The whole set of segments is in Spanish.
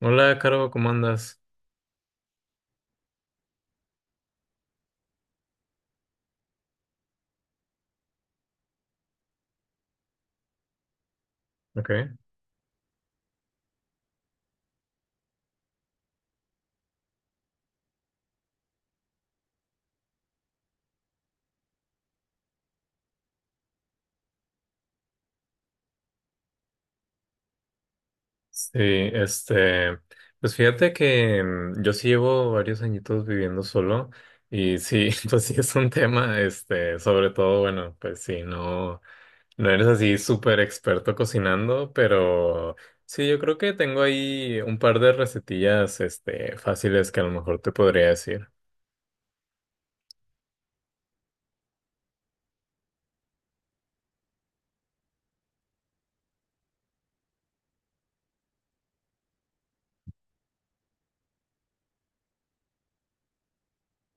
Hola, Caro, ¿cómo andas? Ok. Sí, este, pues fíjate que yo sí llevo varios añitos viviendo solo y sí, pues sí es un tema, este, sobre todo, bueno, pues sí, no, no eres así súper experto cocinando, pero sí, yo creo que tengo ahí un par de recetillas, este, fáciles que a lo mejor te podría decir.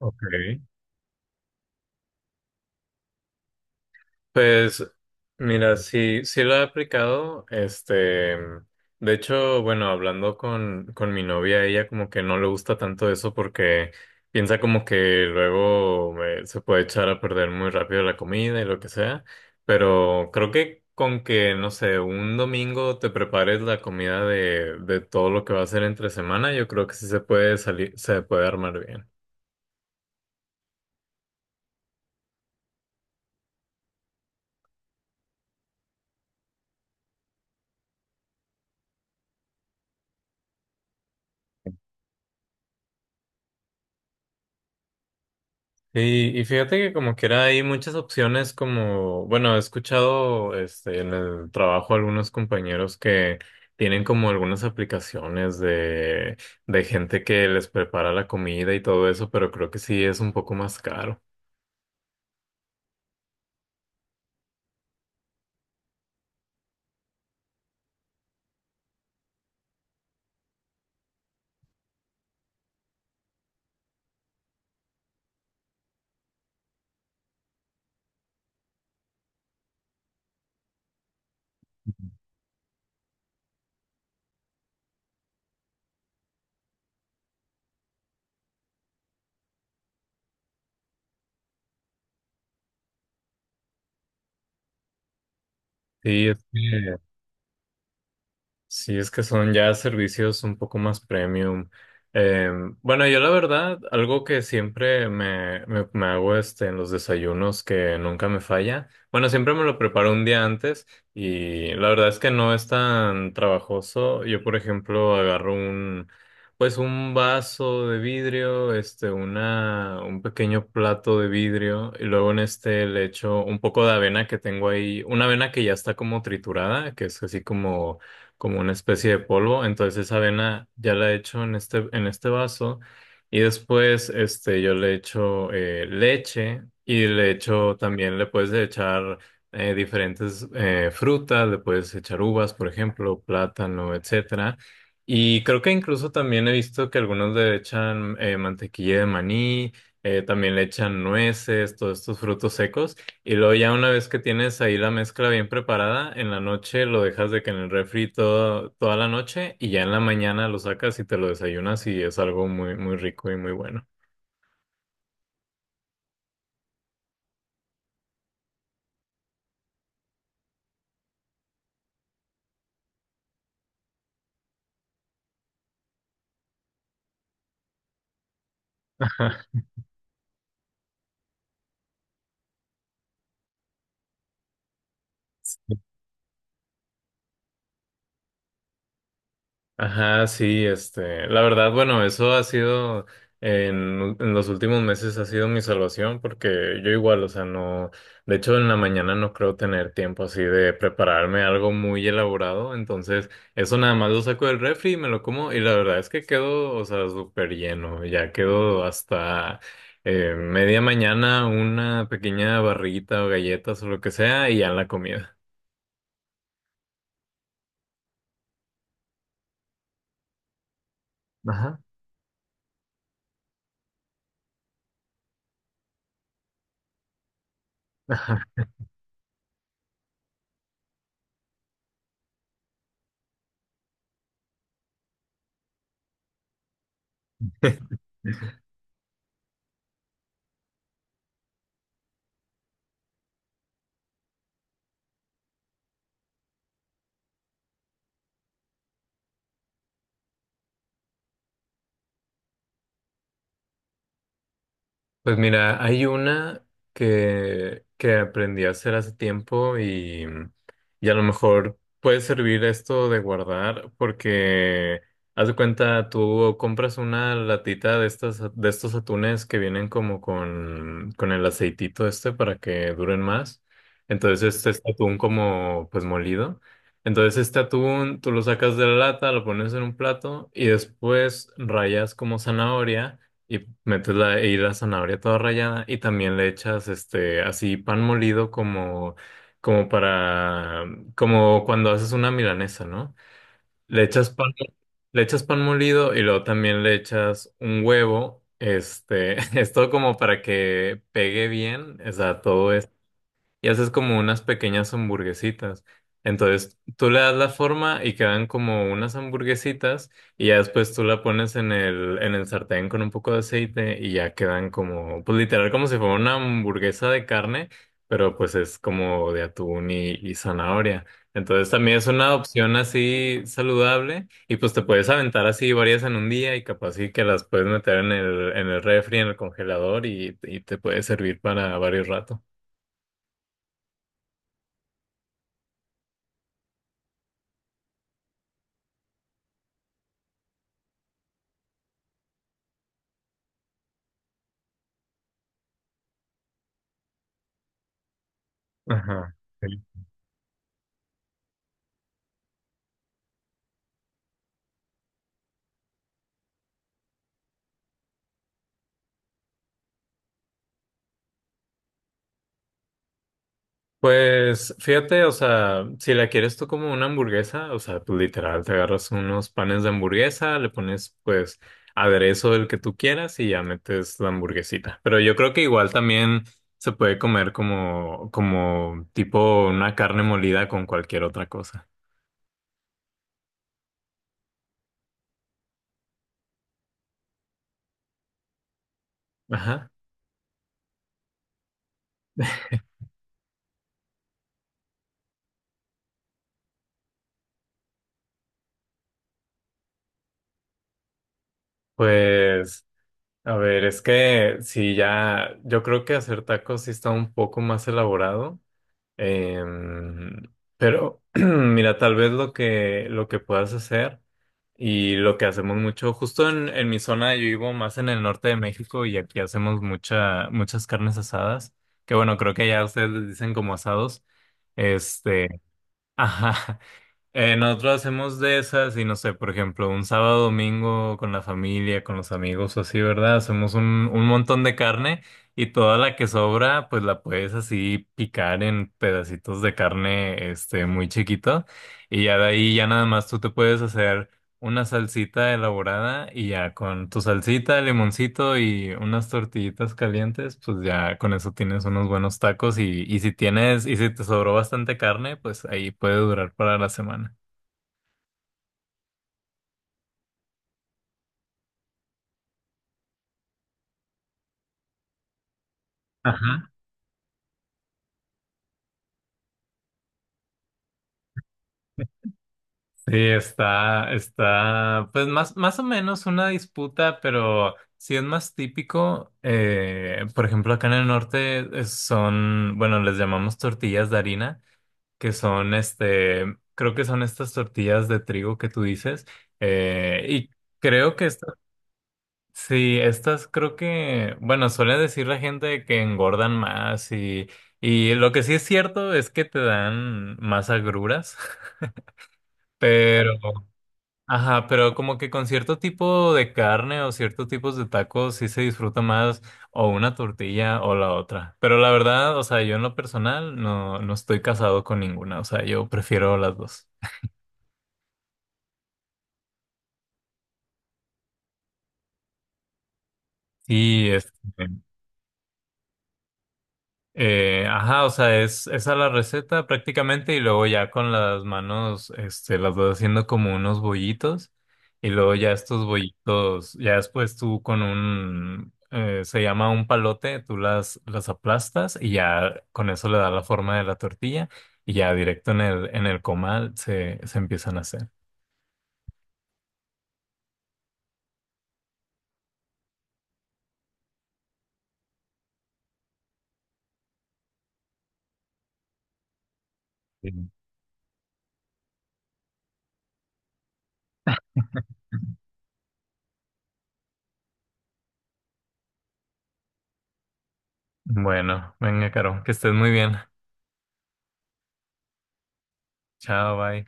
Ok. Pues mira, sí, sí lo he aplicado, este, de hecho, bueno, hablando con mi novia, ella como que no le gusta tanto eso porque piensa como que luego se puede echar a perder muy rápido la comida y lo que sea, pero creo que con que, no sé, un domingo te prepares la comida de todo lo que va a ser entre semana, yo creo que sí se puede salir, se puede armar bien. Sí, y fíjate que como que era hay muchas opciones como, bueno, he escuchado este en el trabajo algunos compañeros que tienen como algunas aplicaciones de gente que les prepara la comida y todo eso, pero creo que sí es un poco más caro. Sí, es que sí, es que son ya servicios un poco más premium. Eh, bueno, yo la verdad, algo que siempre me hago este, en los desayunos que nunca me falla. Bueno, siempre me lo preparo un día antes y la verdad es que no es tan trabajoso. Yo, por ejemplo, pues un vaso de vidrio, este, un pequeño plato de vidrio y luego en este le echo un poco de avena que tengo ahí, una avena que ya está como triturada, que es así como como una especie de polvo. Entonces esa avena ya la echo en este vaso y después este, yo le echo leche y le echo también, le puedes echar diferentes frutas, le puedes echar uvas, por ejemplo, plátano, etcétera. Y creo que incluso también he visto que algunos le echan mantequilla de maní, también le echan nueces, todos estos frutos secos. Y luego ya una vez que tienes ahí la mezcla bien preparada, en la noche lo dejas de que en el refri todo, toda la noche y ya en la mañana lo sacas y te lo desayunas y es algo muy, muy rico y muy bueno. Ajá, sí, este, la verdad, bueno, eso ha sido en los últimos meses ha sido mi salvación porque yo igual, o sea, no, de hecho en la mañana no creo tener tiempo así de prepararme algo muy elaborado, entonces eso nada más lo saco del refri y me lo como y la verdad es que quedo, o sea, súper lleno, ya quedo hasta media mañana una pequeña barrita o galletas o lo que sea y ya en la comida. Ajá. Ajá. Pues mira, hay una que aprendí a hacer hace tiempo y a lo mejor puede servir esto de guardar porque haz de cuenta, tú compras una latita de estas, de estos atunes que vienen como con el aceitito este para que duren más. Entonces este es atún como pues molido. Entonces este atún tú lo sacas de la lata, lo pones en un plato y después rayas como zanahoria. Y metes la, y la zanahoria toda rallada y también le echas este así pan molido como, como para, como cuando haces una milanesa, ¿no? Le echas pan, le echas pan molido y luego también le echas un huevo, este, es todo como para que pegue bien, o sea, todo y haces como unas pequeñas hamburguesitas. Entonces tú le das la forma y quedan como unas hamburguesitas y ya después tú la pones en el sartén con un poco de aceite y ya quedan como, pues literal como si fuera una hamburguesa de carne, pero pues es como de atún y zanahoria. Entonces también es una opción así saludable y pues te puedes aventar así varias en un día y capaz sí que las puedes meter en el refri, en el congelador y te puede servir para varios ratos. Ajá. Sí. Pues fíjate, o sea, si la quieres tú como una hamburguesa, o sea, pues literal, te agarras unos panes de hamburguesa, le pones pues aderezo el que tú quieras y ya metes la hamburguesita. Pero yo creo que igual también se puede comer como, como tipo una carne molida con cualquier otra cosa. Ajá. Pues, a ver, es que si ya, yo creo que hacer tacos sí está un poco más elaborado. Em, pero mira, tal vez lo que puedas hacer y lo que hacemos mucho, justo en mi zona, yo vivo más en el norte de México y aquí hacemos mucha, muchas carnes asadas, que bueno, creo que ya ustedes les dicen como asados. Este, ajá. Nosotros hacemos de esas y no sé, por ejemplo, un sábado, domingo con la familia, con los amigos o así, ¿verdad? Hacemos un montón de carne y toda la que sobra, pues la puedes así picar en pedacitos de carne, este, muy chiquito y ya de ahí ya nada más tú te puedes hacer una salsita elaborada y ya con tu salsita, limoncito y unas tortillitas calientes, pues ya con eso tienes unos buenos tacos y si tienes, y si te sobró bastante carne, pues ahí puede durar para la semana. Ajá. Sí, está, está, pues más, más o menos una disputa, pero si es más típico, por ejemplo, acá en el norte son, bueno, les llamamos tortillas de harina que son este, creo que son estas tortillas de trigo que tú dices. Eh, y creo que estas, sí, estas creo que, bueno, suele decir la gente que engordan más y lo que sí es cierto es que te dan más agruras, pero, ajá, pero como que con cierto tipo de carne o ciertos tipos de tacos sí se disfruta más o una tortilla o la otra. Pero la verdad, o sea, yo en lo personal no, no estoy casado con ninguna, o sea, yo prefiero las dos. Sí, este, ajá, o sea, es esa la receta prácticamente y luego ya con las manos, este, las vas haciendo como unos bollitos y luego ya estos bollitos, ya después se llama un palote, tú las aplastas y ya con eso le da la forma de la tortilla y ya directo en el comal se, se empiezan a hacer. Sí. Bueno, venga, Caro, que estés muy bien. Chao, bye.